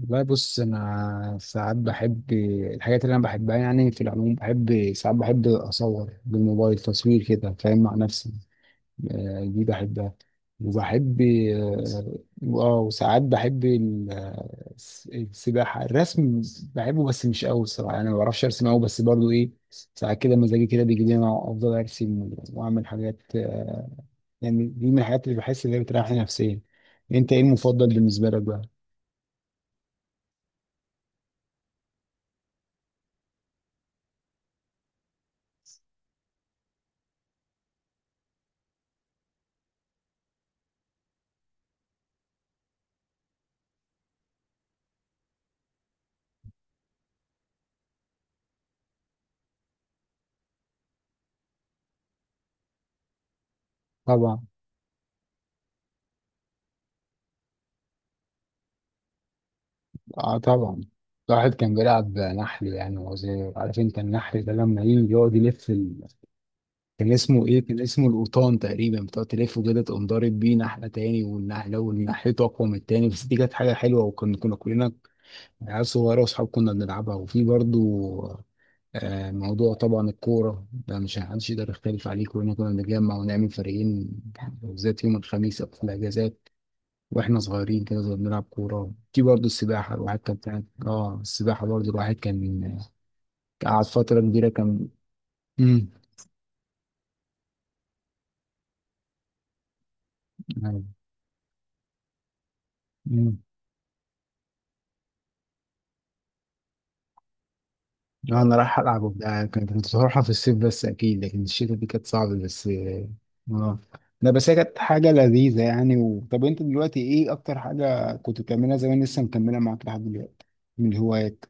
والله بص انا ساعات بحب الحاجات اللي انا بحبها يعني في العموم بحب ساعات بحب اصور بالموبايل تصوير كده فاهم مع نفسي. دي بحبها، وبحب وساعات بحب السباحة، الرسم بحبه بس مش قوي الصراحة، يعني ما بعرفش ارسم قوي بس برضو ايه. ساعات كده مزاجي كده بيجي لي انا افضل ارسم واعمل حاجات. يعني دي من الحاجات اللي بحس ان هي بتريحني نفسيا. انت ايه المفضل بالنسبة لك بقى؟ طبعا. اه، طبعا. الواحد كان بيلعب نحل يعني وهو صغير، عارفين؟ كان النحل ده لما يجي يقعد يلف. كان اسمه ايه؟ كان اسمه القوطان تقريبا، بتقعد تلفه كده تقوم ضارب بيه نحله تاني والنحله والنحلته اقوى من التاني. بس دي كانت حاجه حلوه، وكنا كلنا عيال صغيره واصحاب كنا بنلعبها. وفي برضو موضوع طبعا الكوره ده مش محدش يقدر يختلف عليه، كلنا كنا بنتجمع ونعمل فريقين بالذات يوم الخميس او في الاجازات. واحنا صغيرين كده زي بنلعب كوره. في برضه السباحه، الواحد كان السباحه برضه الواحد كان قعد فتره كبيره كان. امم امم انا رايح العب وبتاع كنت بروحها في الصيف بس اكيد، لكن الشتاء دي كانت صعبه بس. اه. لا بس هي كانت حاجه لذيذه يعني. طب انت دلوقتي ايه اكتر حاجه كنت بتعملها زمان لسه مكمله معاك لحد دلوقتي، من الهوايات؟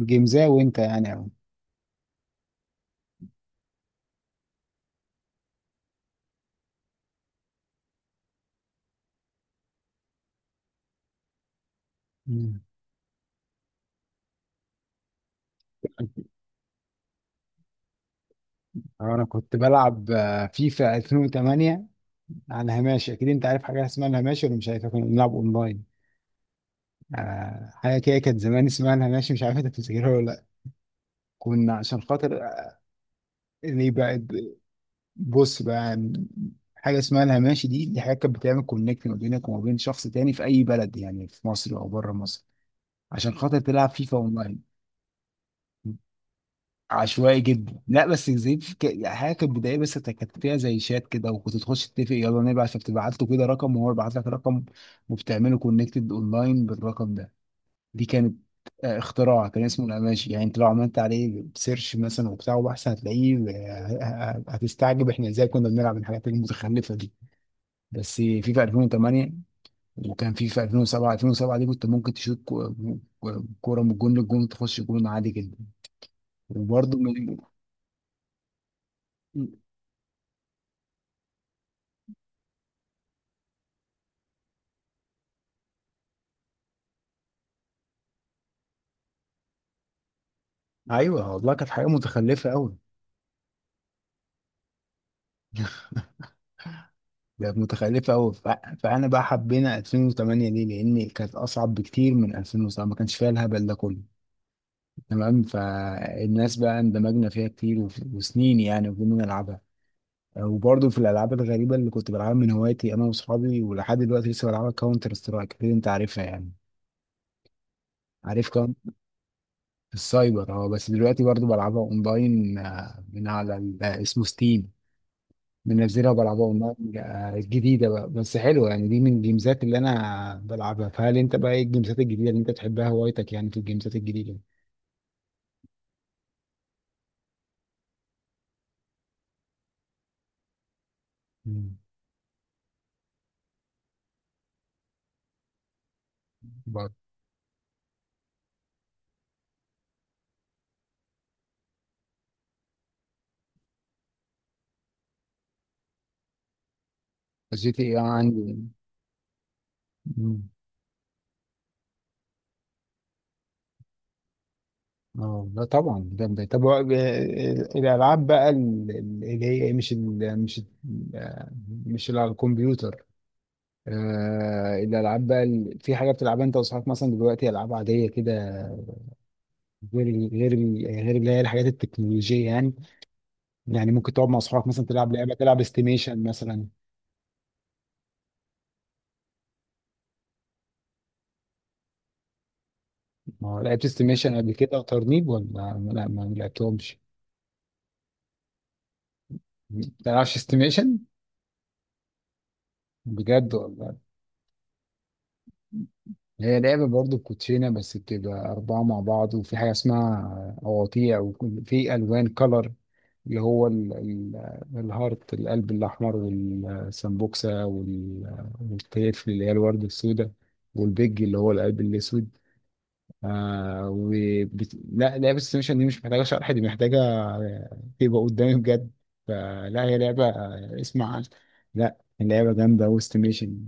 جيمزا وانت يعني أو. مم. انا كنت بلعب فيفا 2008. عن هاماشي، اكيد انت عارف حاجه اسمها الهاماشي ولا مش عارف؟ كنا بنلعب اونلاين. حاجه كده كانت زمان اسمها الهاماشي، مش عارف انت بتفتكرها ولا لا؟ كنا عشان خاطر اللي بقى، بص بقى، حاجه اسمها الهاماشي دي حاجه كانت بتعمل كونكت ما بينك وما بين شخص تاني في اي بلد، يعني في مصر او بره مصر، عشان خاطر تلعب فيفا اونلاين. عشوائي جدا. لا بس زي في حاجه كانت بدائيه بس كانت فيها زي شات كده، وكنت تخش تتفق يلا نبعت، فبتبعت له كده رقم وهو يبعت لك رقم وبتعملوا كونكتد اونلاين بالرقم ده. دي كانت اختراع كان اسمه القماشي، يعني انت لو عملت عليه سيرش مثلا وبتاع وبحث هتلاقيه. هتستعجب احنا ازاي كنا بنلعب الحاجات المتخلفه دي. بس في 2008، وكان في 2007. دي كنت ممكن تشوط كوره من الجون للجون تخش جون عادي جدا. وبرضه من... ايوه والله كانت حاجه متخلفه قوي. كانت متخلفه قوي، فانا بقى حبينا 2008 ليه؟ لان كانت اصعب بكتير من 2007، ما كانش فيها الهبل ده كله. تمام، فالناس بقى اندمجنا فيها كتير وسنين يعني وكنا نلعبها. وبرضه في الالعاب الغريبه اللي كنت بلعبها من هوايتي انا واصحابي، ولحد دلوقتي لسه بلعبها، كاونتر سترايك، اكيد انت عارفها يعني، عارف كام. في السايبر. اه، بس دلوقتي برضه بلعبها اونلاين آه، من على ال- آه، اسمه ستيم، منزلها وبلعبها اونلاين جديده بقى بس حلوه يعني. دي من الجيمزات اللي انا بلعبها. فهل انت بقى ايه الجيمزات الجديده اللي انت بتحبها هوايتك يعني في الجيمزات الجديده؟ مم. برضه. جي تي اي عندي. مم. اه، لا طبعا ده بداية. طب الالعاب بقى اللي هي إيه، آه، مش اللي على الكمبيوتر. آه، الالعاب بقى، في حاجه بتلعبها انت واصحابك مثلا دلوقتي، العاب عاديه كده، غير اللي هي الحاجات التكنولوجيه يعني. يعني ممكن تقعد مع اصحابك مثلا تلعب لعبه، تلعب استيميشن مثلا. ما هو لعبت استيميشن قبل كده، وترنيب ولا؟ لا، ما لعبتهمش. ما بتلعبش استيميشن؟ بجد والله. هي لعبة برضه كوتشينة بس بتبقى أربعة مع بعض، وفي حاجة اسمها أواطيع، وفي ألوان كلر، اللي هو الهارت، القلب الأحمر، والسمبوكسة، والتيف اللي هي الوردة السوداء، والبيج اللي هو القلب الأسود. لا، لعبة السيميشن دي مش محتاجة شرح، دي محتاجة تبقى قدامي بجد. فلا، هي لعبة اسمع، لا، اللعبة جامدة، واستيميشن.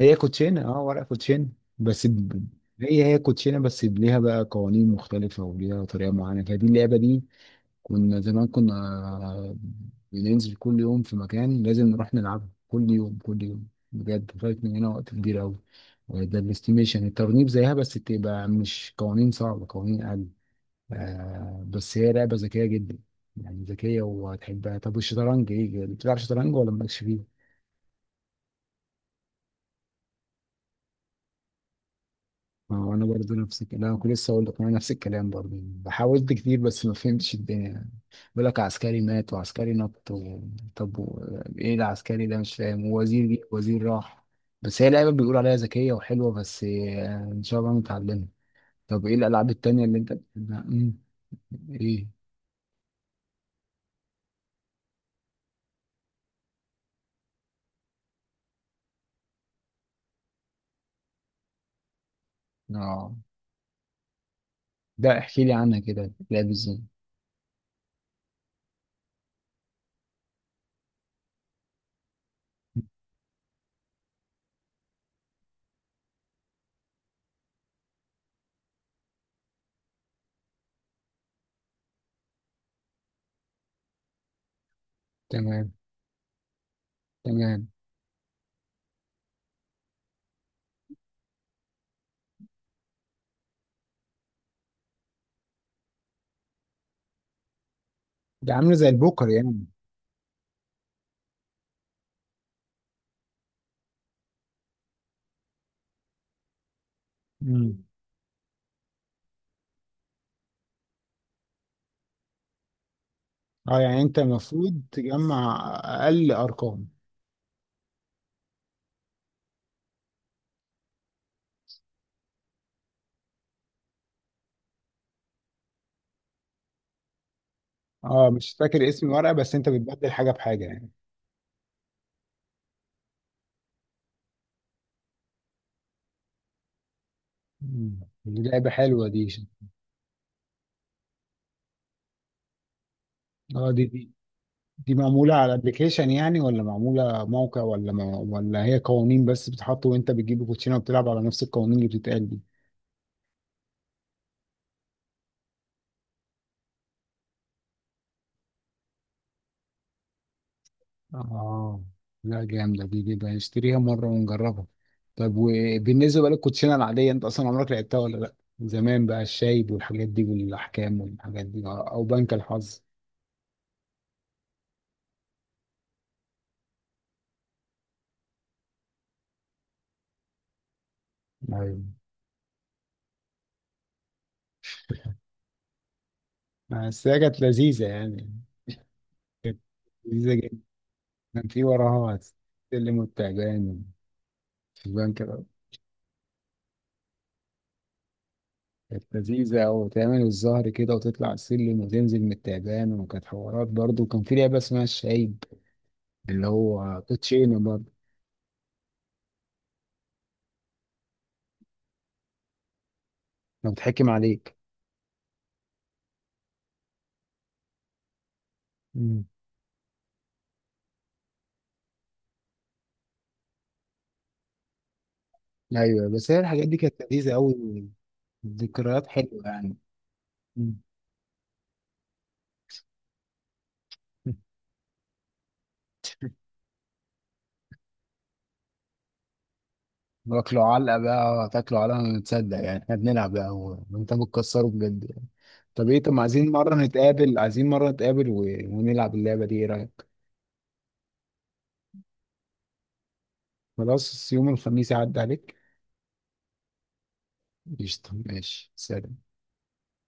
هي كوتشينة، اه، ورق كوتشينة بس ب... هي هي كوتشينة بس ليها بقى قوانين مختلفة وليها طريقة معينة، فدي اللعبة دي كنا زمان كنا آه، بننزل كل يوم في مكان، لازم نروح نلعبها كل يوم كل يوم بجد. فايت من هنا وقت كبير أوي. وده الاستيميشن. الترنيب زيها بس تبقى مش قوانين صعبة، قوانين أقل، آه، بس هي لعبة ذكية جدا، يعني ذكية وهتحبها. طب والشطرنج ايه، بتلعب شطرنج ولا مالكش فيه؟ ما هو انا برضو نفس الكلام، انا كنت لسه اقول لك انا نفس الكلام برضو. حاولت كتير بس ما فهمتش الدنيا يعني. بيقول لك عسكري مات وعسكري نط و... طب و... ايه العسكري ده مش فاهم، ووزير جه وزير راح. بس هي لعبه بيقول عليها ذكيه وحلوه بس، ان شاء الله نتعلمها. طب ايه الالعاب التانية اللي انت بتحبها؟ ايه. اه، ده احكي لي عنها كده، لعب ازاي؟ تمام. تمام. ده عامله زي البوكر يعني. امم. اه، يعني انت المفروض تجمع اقل ارقام. اه، مش فاكر اسم الورقه، بس انت بتبدل حاجه بحاجه يعني. مم. دي لعبه حلوه دي. اه، دي معموله على ابلكيشن يعني، ولا معموله موقع، ولا ما ولا هي قوانين بس بتحط وانت بتجيب الكوتشينه وبتلعب على نفس القوانين اللي بتتقال دي؟ اه لا، جامده، دي بقى نشتريها مره ونجربها. طب وبالنسبه بقى للكوتشينه العاديه، انت اصلا عمرك لعبتها ولا لا؟ زمان بقى الشايب والحاجات دي، والاحكام والحاجات دي، او بنك الحظ؟ ايوه بس هي كانت لذيذه يعني، كانت لذيذه. كان في وراها السلم والتعبان، في البنك كده. كانت لذيذة أوي، تعمل الظهر كده وتطلع السلم وتنزل من التعبان، وكانت حوارات برضه. وكان في لعبة اسمها الشايب، اللي هو كوتشينة برضه. كان بيتحكم عليك. مم. أيوة، بس هي الحاجات دي كانت لذيذة أوي، ذكريات حلوة يعني. مم. واكلوا علقة بقى، تاكلوا علقة ما تصدق يعني احنا بنلعب بقى، وانت بتكسره بجد يعني. طب ما عايزين مرة نتقابل، عايزين مرة نتقابل ونلعب اللعبة دي، ايه رأيك؟ خلاص، يوم الخميس يعدي عليك. قشطة، ماشي، سلام.